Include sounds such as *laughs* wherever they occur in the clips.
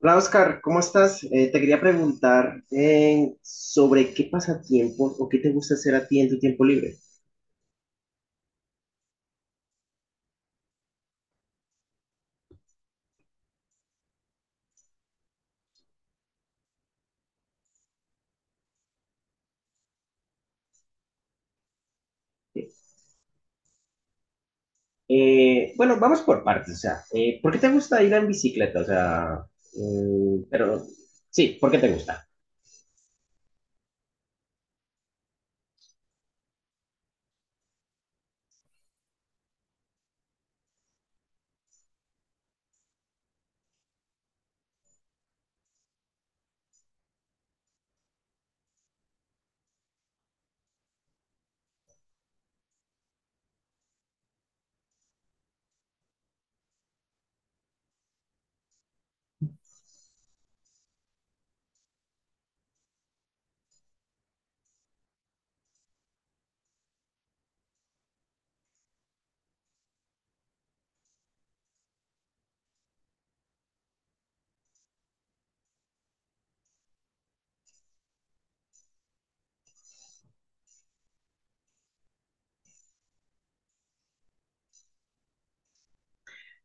Hola Oscar, ¿cómo estás? Te quería preguntar sobre qué pasatiempo o qué te gusta hacer a ti en tu tiempo libre. Bueno, vamos por partes, o sea, ¿por qué te gusta ir en bicicleta? O sea, pero sí, ¿por qué te gusta?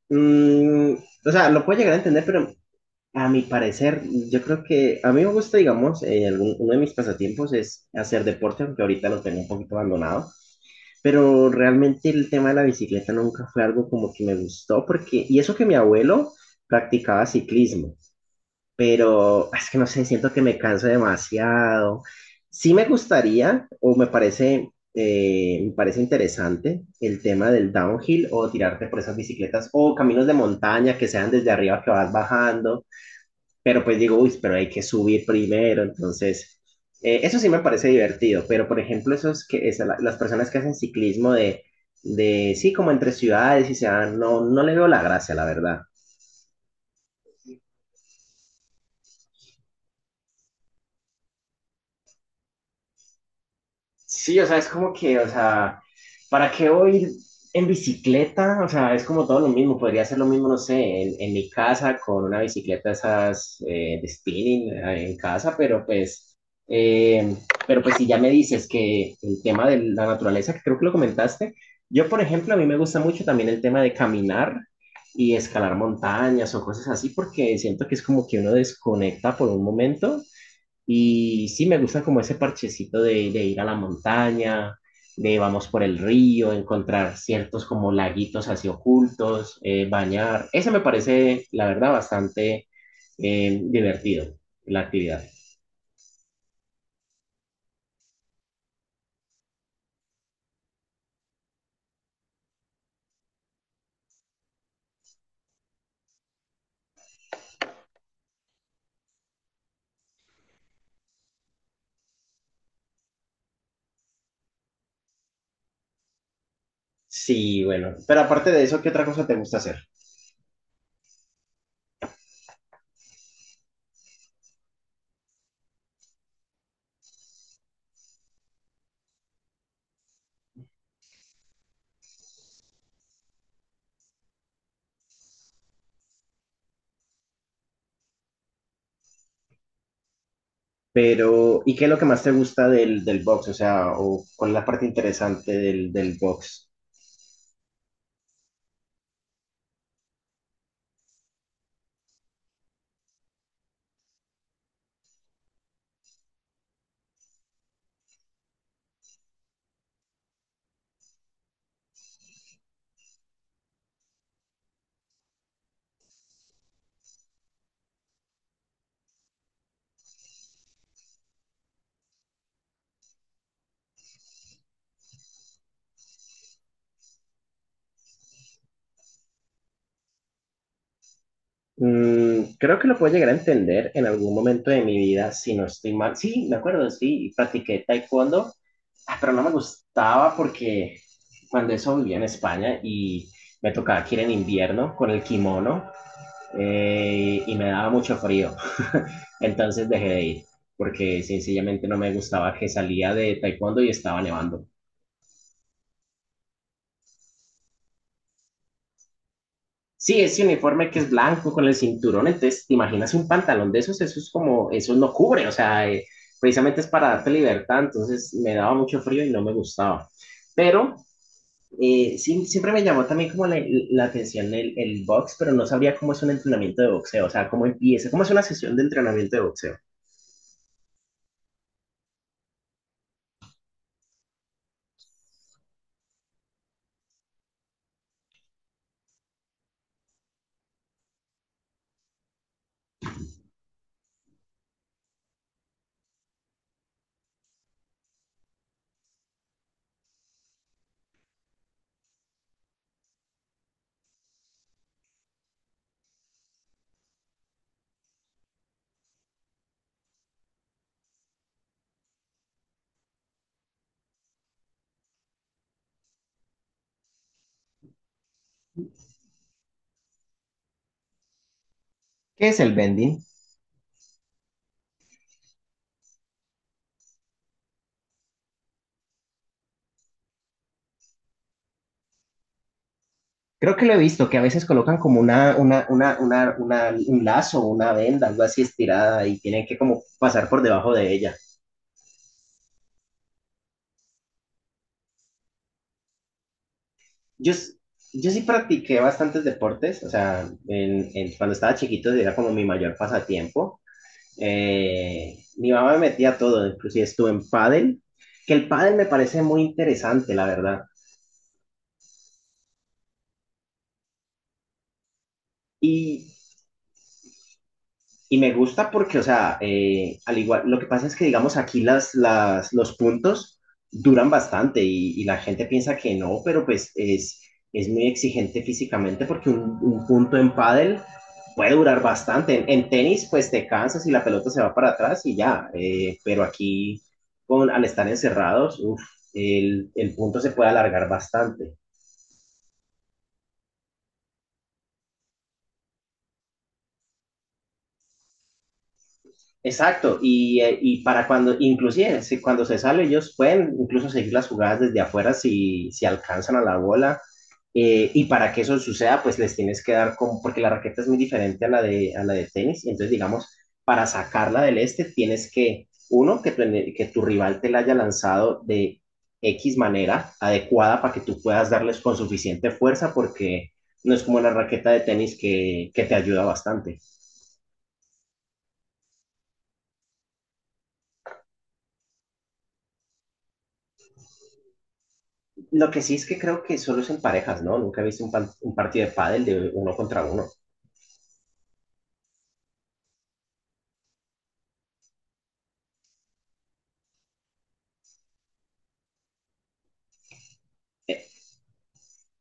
Mm, o sea, lo puedo llegar a entender, pero a mi parecer, yo creo que a mí me gusta, digamos, uno de mis pasatiempos es hacer deporte, aunque ahorita lo tengo un poquito abandonado. Pero realmente el tema de la bicicleta nunca fue algo como que me gustó, porque, y eso que mi abuelo practicaba ciclismo, pero es que no sé, siento que me canso demasiado. Sí me gustaría, o me parece interesante el tema del downhill o tirarte por esas bicicletas o caminos de montaña que sean desde arriba que vas bajando, pero pues digo, uy, pero hay que subir primero, entonces, eso sí me parece divertido, pero por ejemplo, esos que, las personas que hacen ciclismo de, sí, como entre ciudades y se van, no, no le veo la gracia, la verdad. Sí, o sea, es como que, o sea, ¿para qué voy a ir en bicicleta? O sea, es como todo lo mismo. Podría ser lo mismo, no sé, en mi casa con una bicicleta esas de spinning en casa, pero pues, eh, pero pues si ya me dices que el tema de la naturaleza, que creo que lo comentaste, yo, por ejemplo, a mí me gusta mucho también el tema de caminar y escalar montañas o cosas así, porque siento que es como que uno desconecta por un momento y sí, me gusta como ese parchecito de ir a la montaña, de vamos por el río, encontrar ciertos como laguitos así ocultos, bañar. Ese me parece, la verdad, bastante divertido, la actividad. Sí, bueno. Pero aparte de eso, ¿qué otra cosa te gusta hacer? Pero, ¿y qué es lo que más te gusta del box? O sea, o, ¿cuál es la parte interesante del box? Creo que lo puedo llegar a entender en algún momento de mi vida, si no estoy mal. Sí, me acuerdo, sí, practiqué taekwondo, pero no me gustaba porque cuando eso vivía en España y me tocaba aquí en invierno con el kimono y me daba mucho frío. *laughs* Entonces dejé de ir porque sencillamente no me gustaba que salía de taekwondo y estaba nevando. Sí, ese uniforme que es blanco con el cinturón, entonces, ¿te imaginas un pantalón de esos? Eso es como, eso no cubre, o sea, precisamente es para darte libertad, entonces me daba mucho frío y no me gustaba. Pero sí, siempre me llamó también como la atención el box, pero no sabría cómo es un entrenamiento de boxeo, o sea, cómo empieza, cómo es una sesión de entrenamiento de boxeo. ¿Qué es el bending? Creo que lo he visto, que a veces colocan como un lazo, una venda, algo así estirada y tienen que como pasar por debajo de ella. Yo, s- yo sí practiqué bastantes deportes, o sea, cuando estaba chiquito era como mi mayor pasatiempo. Mi mamá me metía a todo, inclusive estuve en pádel, que el pádel me parece muy interesante, la verdad. Y Y me gusta porque, o sea, al igual, lo que pasa es que, digamos, aquí los puntos duran bastante y la gente piensa que no, pero pues es muy exigente físicamente porque un punto en pádel puede durar bastante. En tenis, pues te cansas y la pelota se va para atrás y ya, pero aquí, con, al estar encerrados, uf, el punto se puede alargar bastante. Exacto, y para cuando, inclusive si cuando se sale, ellos pueden incluso seguir las jugadas desde afuera si, si alcanzan a la bola. Y para que eso suceda, pues les tienes que dar como, porque la raqueta es muy diferente a la de tenis. Entonces, digamos, para sacarla del este, tienes que, uno, que tu rival te la haya lanzado de X manera adecuada para que tú puedas darles con suficiente fuerza, porque no es como la raqueta de tenis que te ayuda bastante. Lo que sí es que creo que solo es en parejas, ¿no? Nunca he visto un partido de pádel de uno contra uno.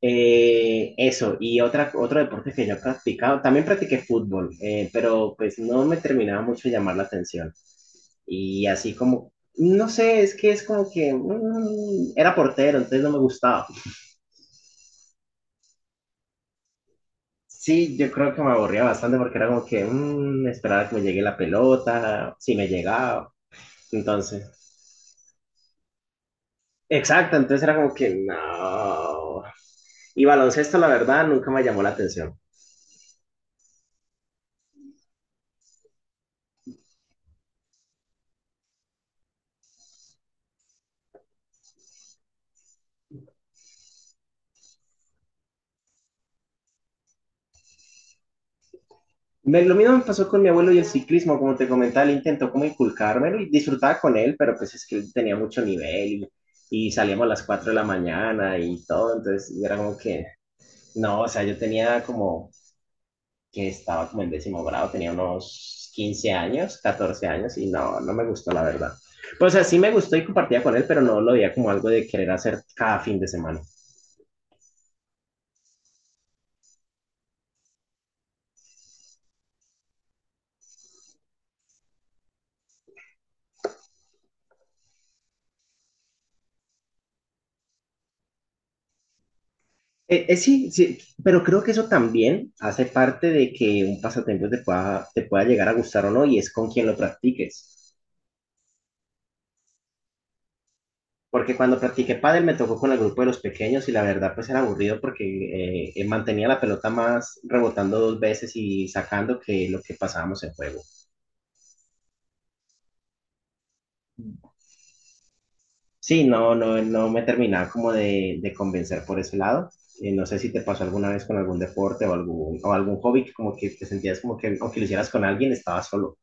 Eso, y otro deporte que yo he practicado, también practiqué fútbol, pero pues no me terminaba mucho de llamar la atención. Y así como, no sé, es que es como que era portero, entonces no me gustaba. Sí, yo creo que me aburría bastante porque era como que esperar a que me llegue la pelota, si me llegaba. Entonces, exacto, entonces era como que no. Y baloncesto, la verdad, nunca me llamó la atención. Lo mismo me pasó con mi abuelo y el ciclismo, como te comentaba, él intentó como inculcármelo y disfrutaba con él, pero pues es que él tenía mucho nivel y salíamos a las 4 de la mañana y todo, entonces y era como que, no, o sea, yo tenía como que estaba como en décimo grado, tenía unos 15 años, 14 años y no, no me gustó la verdad. Pues o sea, sí me gustó y compartía con él, pero no lo veía como algo de querer hacer cada fin de semana. Sí, sí, pero creo que eso también hace parte de que un pasatiempo te pueda llegar a gustar o no, y es con quien lo practiques. Porque cuando practiqué pádel me tocó con el grupo de los pequeños y la verdad pues era aburrido porque mantenía la pelota más rebotando dos veces y sacando que lo que pasábamos en juego. Sí, no, no, no me terminaba como de convencer por ese lado. No sé si te pasó alguna vez con algún deporte o algún hobby que como que te sentías como que aunque lo hicieras con alguien estabas solo.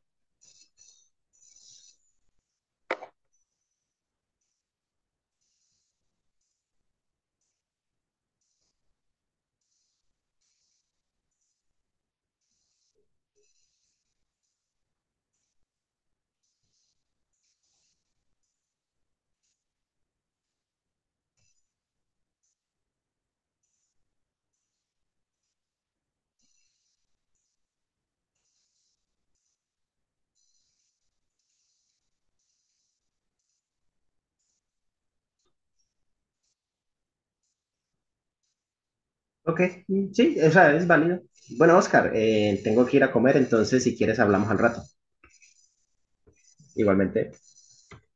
Ok, sí, o sea, es válido. Bueno, Oscar, tengo que ir a comer, entonces si quieres hablamos al rato. Igualmente.